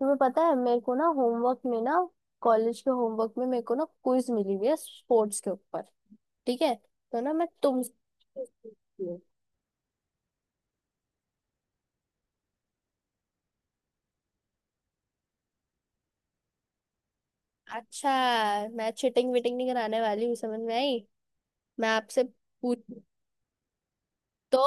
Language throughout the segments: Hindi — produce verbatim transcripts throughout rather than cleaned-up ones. तुम्हें पता है मेरे को ना होमवर्क में ना कॉलेज के होमवर्क में मेरे को ना क्विज मिली हुई है स्पोर्ट्स के ऊपर। ठीक है। तो ना मैं तुमसे quiz पूछती हूँ। अच्छा। मैं चिटिंग विटिंग नहीं कराने वाली हूँ, समझ में आई। मैं आपसे पूछ। तो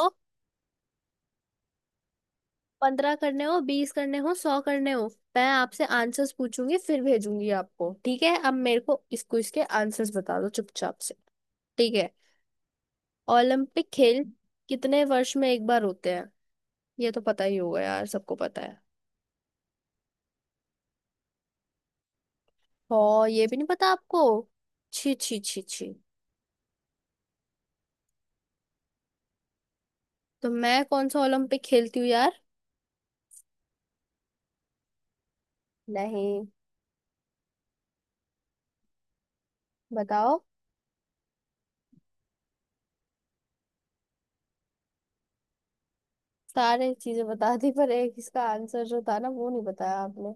पंद्रह करने हो, बीस करने हो, सौ करने हो। मैं आपसे आंसर्स पूछूंगी फिर भेजूंगी आपको। ठीक है, अब मेरे को इस क्विज के आंसर्स बता दो चुपचाप से। ठीक है। ओलंपिक खेल कितने वर्ष में एक बार होते हैं? ये तो पता ही होगा यार, सबको पता है। और ये भी नहीं पता आपको? छी छी छी छी। तो मैं कौन सा ओलंपिक खेलती हूँ यार? नहीं। बताओ। सारे चीजें बता दी पर एक इसका आंसर जो था ना वो नहीं बताया आपने।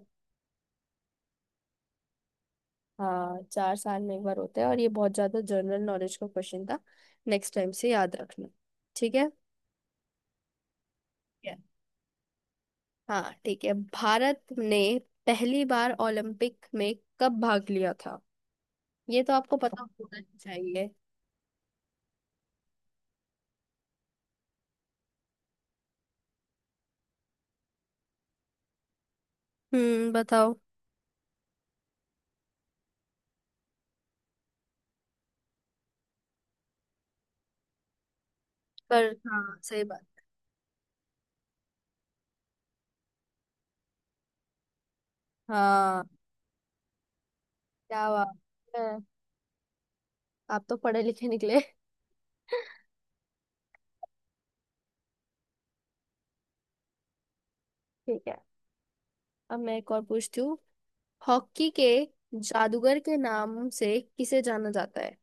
हाँ, चार साल में एक बार होता है और ये बहुत ज्यादा जनरल नॉलेज का क्वेश्चन था। नेक्स्ट टाइम से याद रखना। ठीक है। Yeah। हाँ ठीक है। भारत ने पहली बार ओलंपिक में कब भाग लिया था? ये तो आपको पता होना चाहिए। हम्म, बताओ। पर हाँ सही बात। हाँ। क्या बात है। आप तो पढ़े लिखे निकले। ठीक है। अब मैं एक और पूछती हूँ। हॉकी के जादूगर के नाम से किसे जाना जाता है?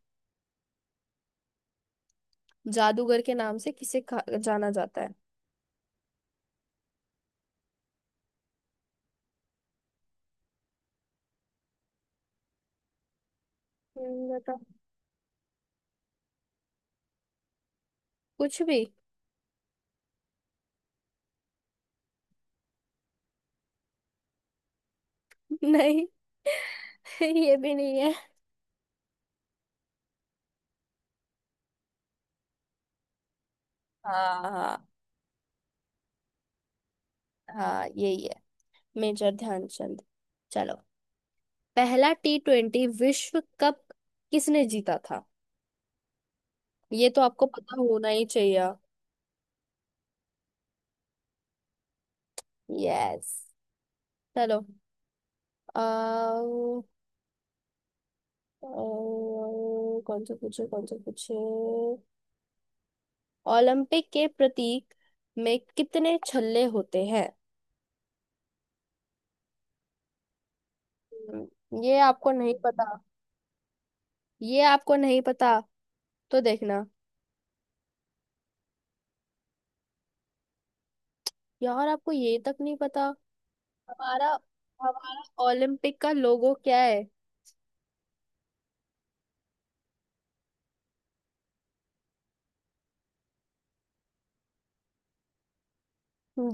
जादूगर के नाम से किसे खा- जाना जाता है? हम्म, बताओ। कुछ भी। नहीं। ये भी नहीं है। हाँ हाँ हाँ, यही है। मेजर ध्यानचंद। चलो। पहला टी ट्वेंटी विश्व कप किसने जीता था? ये तो आपको पता होना ही चाहिए। यस। चलो। और कौन सा पूछे कौन सा पूछे। ओलंपिक के प्रतीक में कितने छल्ले होते हैं? हम्म, ये आपको नहीं पता? ये आपको नहीं पता, तो देखना। यार आपको ये तक नहीं पता। हमारा हमारा ओलंपिक का लोगो क्या है?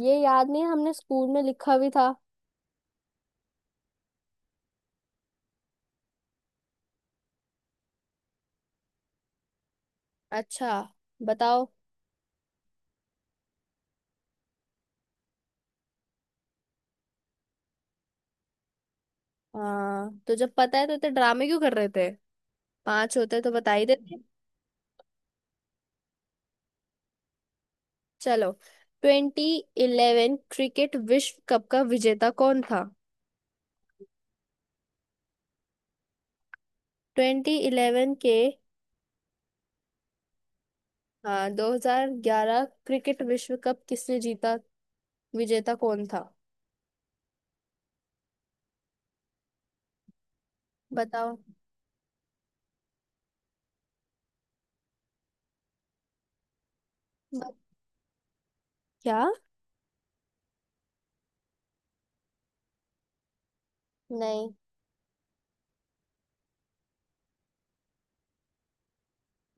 ये याद नहीं है, हमने स्कूल में लिखा भी था। अच्छा। बताओ। हाँ तो जब पता है तो इतने ड्रामे क्यों कर रहे थे? पांच होते तो बता ही देते। चलो। ट्वेंटी इलेवन क्रिकेट विश्व कप का विजेता कौन था? ट्वेंटी इलेवन के? हाँ, दो हजार ग्यारह क्रिकेट विश्व कप किसने जीता? विजेता कौन था? बताओ। ब- क्या? नहीं।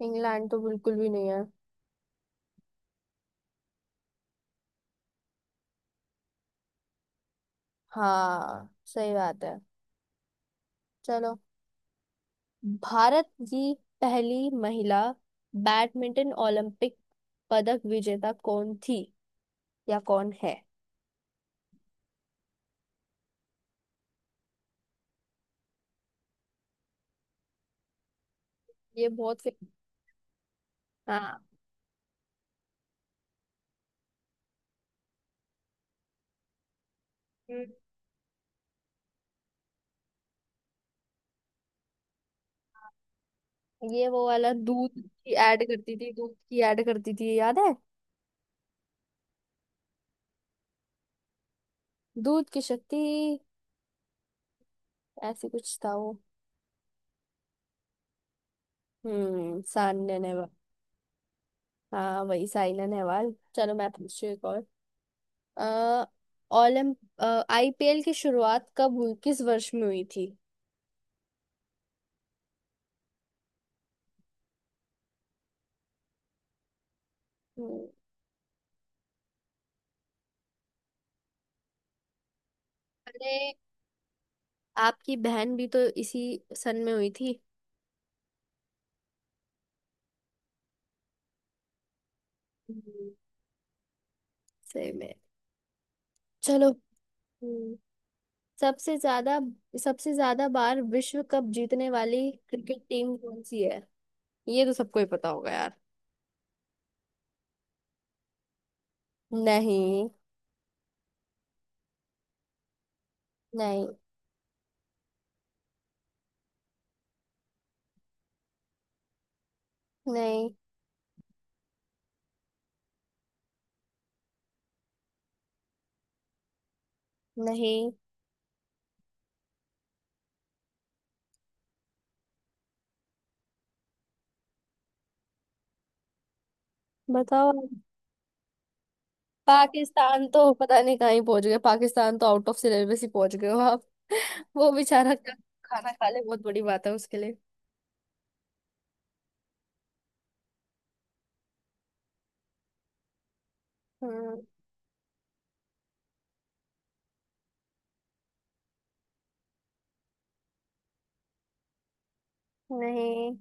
इंग्लैंड तो बिल्कुल भी नहीं है। हाँ सही बात है। चलो। भारत की पहली महिला बैडमिंटन ओलंपिक पदक विजेता कौन थी या कौन है? ये बहुत फेमस। हाँ। ये वो वाला दूध की ऐड करती थी, दूध की ऐड करती थी, याद है? दूध की शक्ति, ऐसे कुछ था वो। हम्म, सान्या नेहवाल। हाँ वही साइना नेहवाल। चलो मैं पूछती हूँ एक और। अः ओलंप आई पी एल की शुरुआत कब हुई, किस वर्ष में हुई थी? हम्म। अरे आपकी बहन भी तो इसी सन में हुई थी। हम्म, सही में। चलो। हम्म, सबसे ज्यादा सबसे ज्यादा बार विश्व कप जीतने वाली क्रिकेट टीम कौन सी है? ये तो सबको ही पता होगा यार। नहीं। नहीं। नहीं। नहीं। बताओ आप। पाकिस्तान तो पता नहीं कहाँ ही पहुंच गए, पाकिस्तान तो आउट ऑफ सिलेबस ही पहुंच गए हो आप। वो बेचारा क्या। खाना खा ले, बहुत बड़ी बात है उसके लिए। हम्म। नहीं।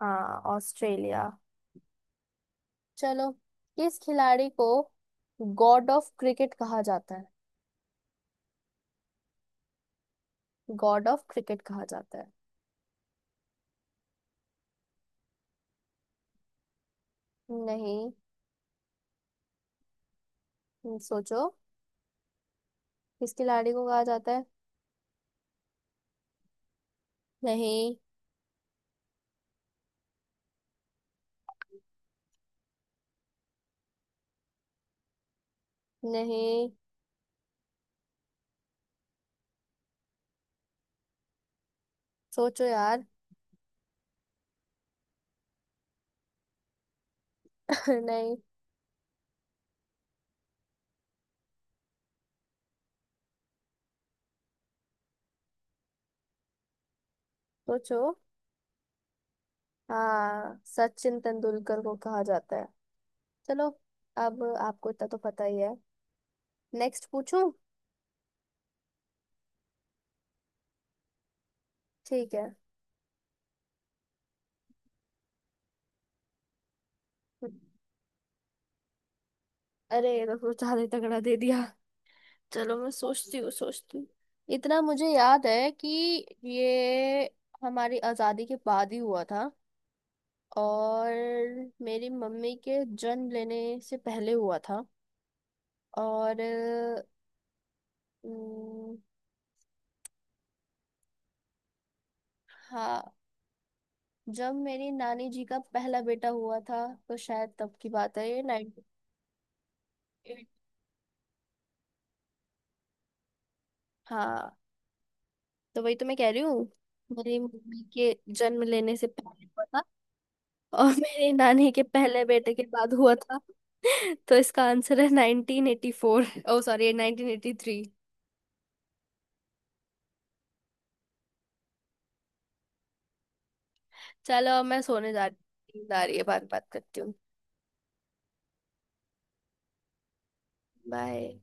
हाँ ऑस्ट्रेलिया। चलो। किस खिलाड़ी को गॉड ऑफ क्रिकेट कहा जाता है? गॉड ऑफ क्रिकेट कहा जाता है? नहीं। हम्म, सोचो। किस खिलाड़ी को कहा जाता है? नहीं। नहीं। सोचो यार। नहीं। सोचो। हाँ सचिन तेंदुलकर को कहा जाता है। चलो। अब आपको इतना तो पता ही है। नेक्स्ट पूछूं? ठीक है। अरे ये तो ज्यादा ही तगड़ा दे दिया। चलो मैं सोचती हूँ सोचती हूँ। इतना मुझे याद है कि ये हमारी आजादी के बाद ही हुआ था और मेरी मम्मी के जन्म लेने से पहले हुआ था। और अ, उम, हाँ, जब मेरी नानी जी का पहला बेटा हुआ था तो शायद तब की बात है ये अट्ठानवे। हाँ। तो वही तो मैं कह रही हूँ। मेरी मम्मी के जन्म लेने से पहले हुआ था और मेरी नानी के पहले बेटे के बाद हुआ था। तो इसका आंसर है नाइंटीन एटी फोर, ओ सॉरी नाइंटीन एटी थ्री। चलो अब मैं सोने जा रही हूँ, नींद आ रही है, बात बात करती हूँ। बाय।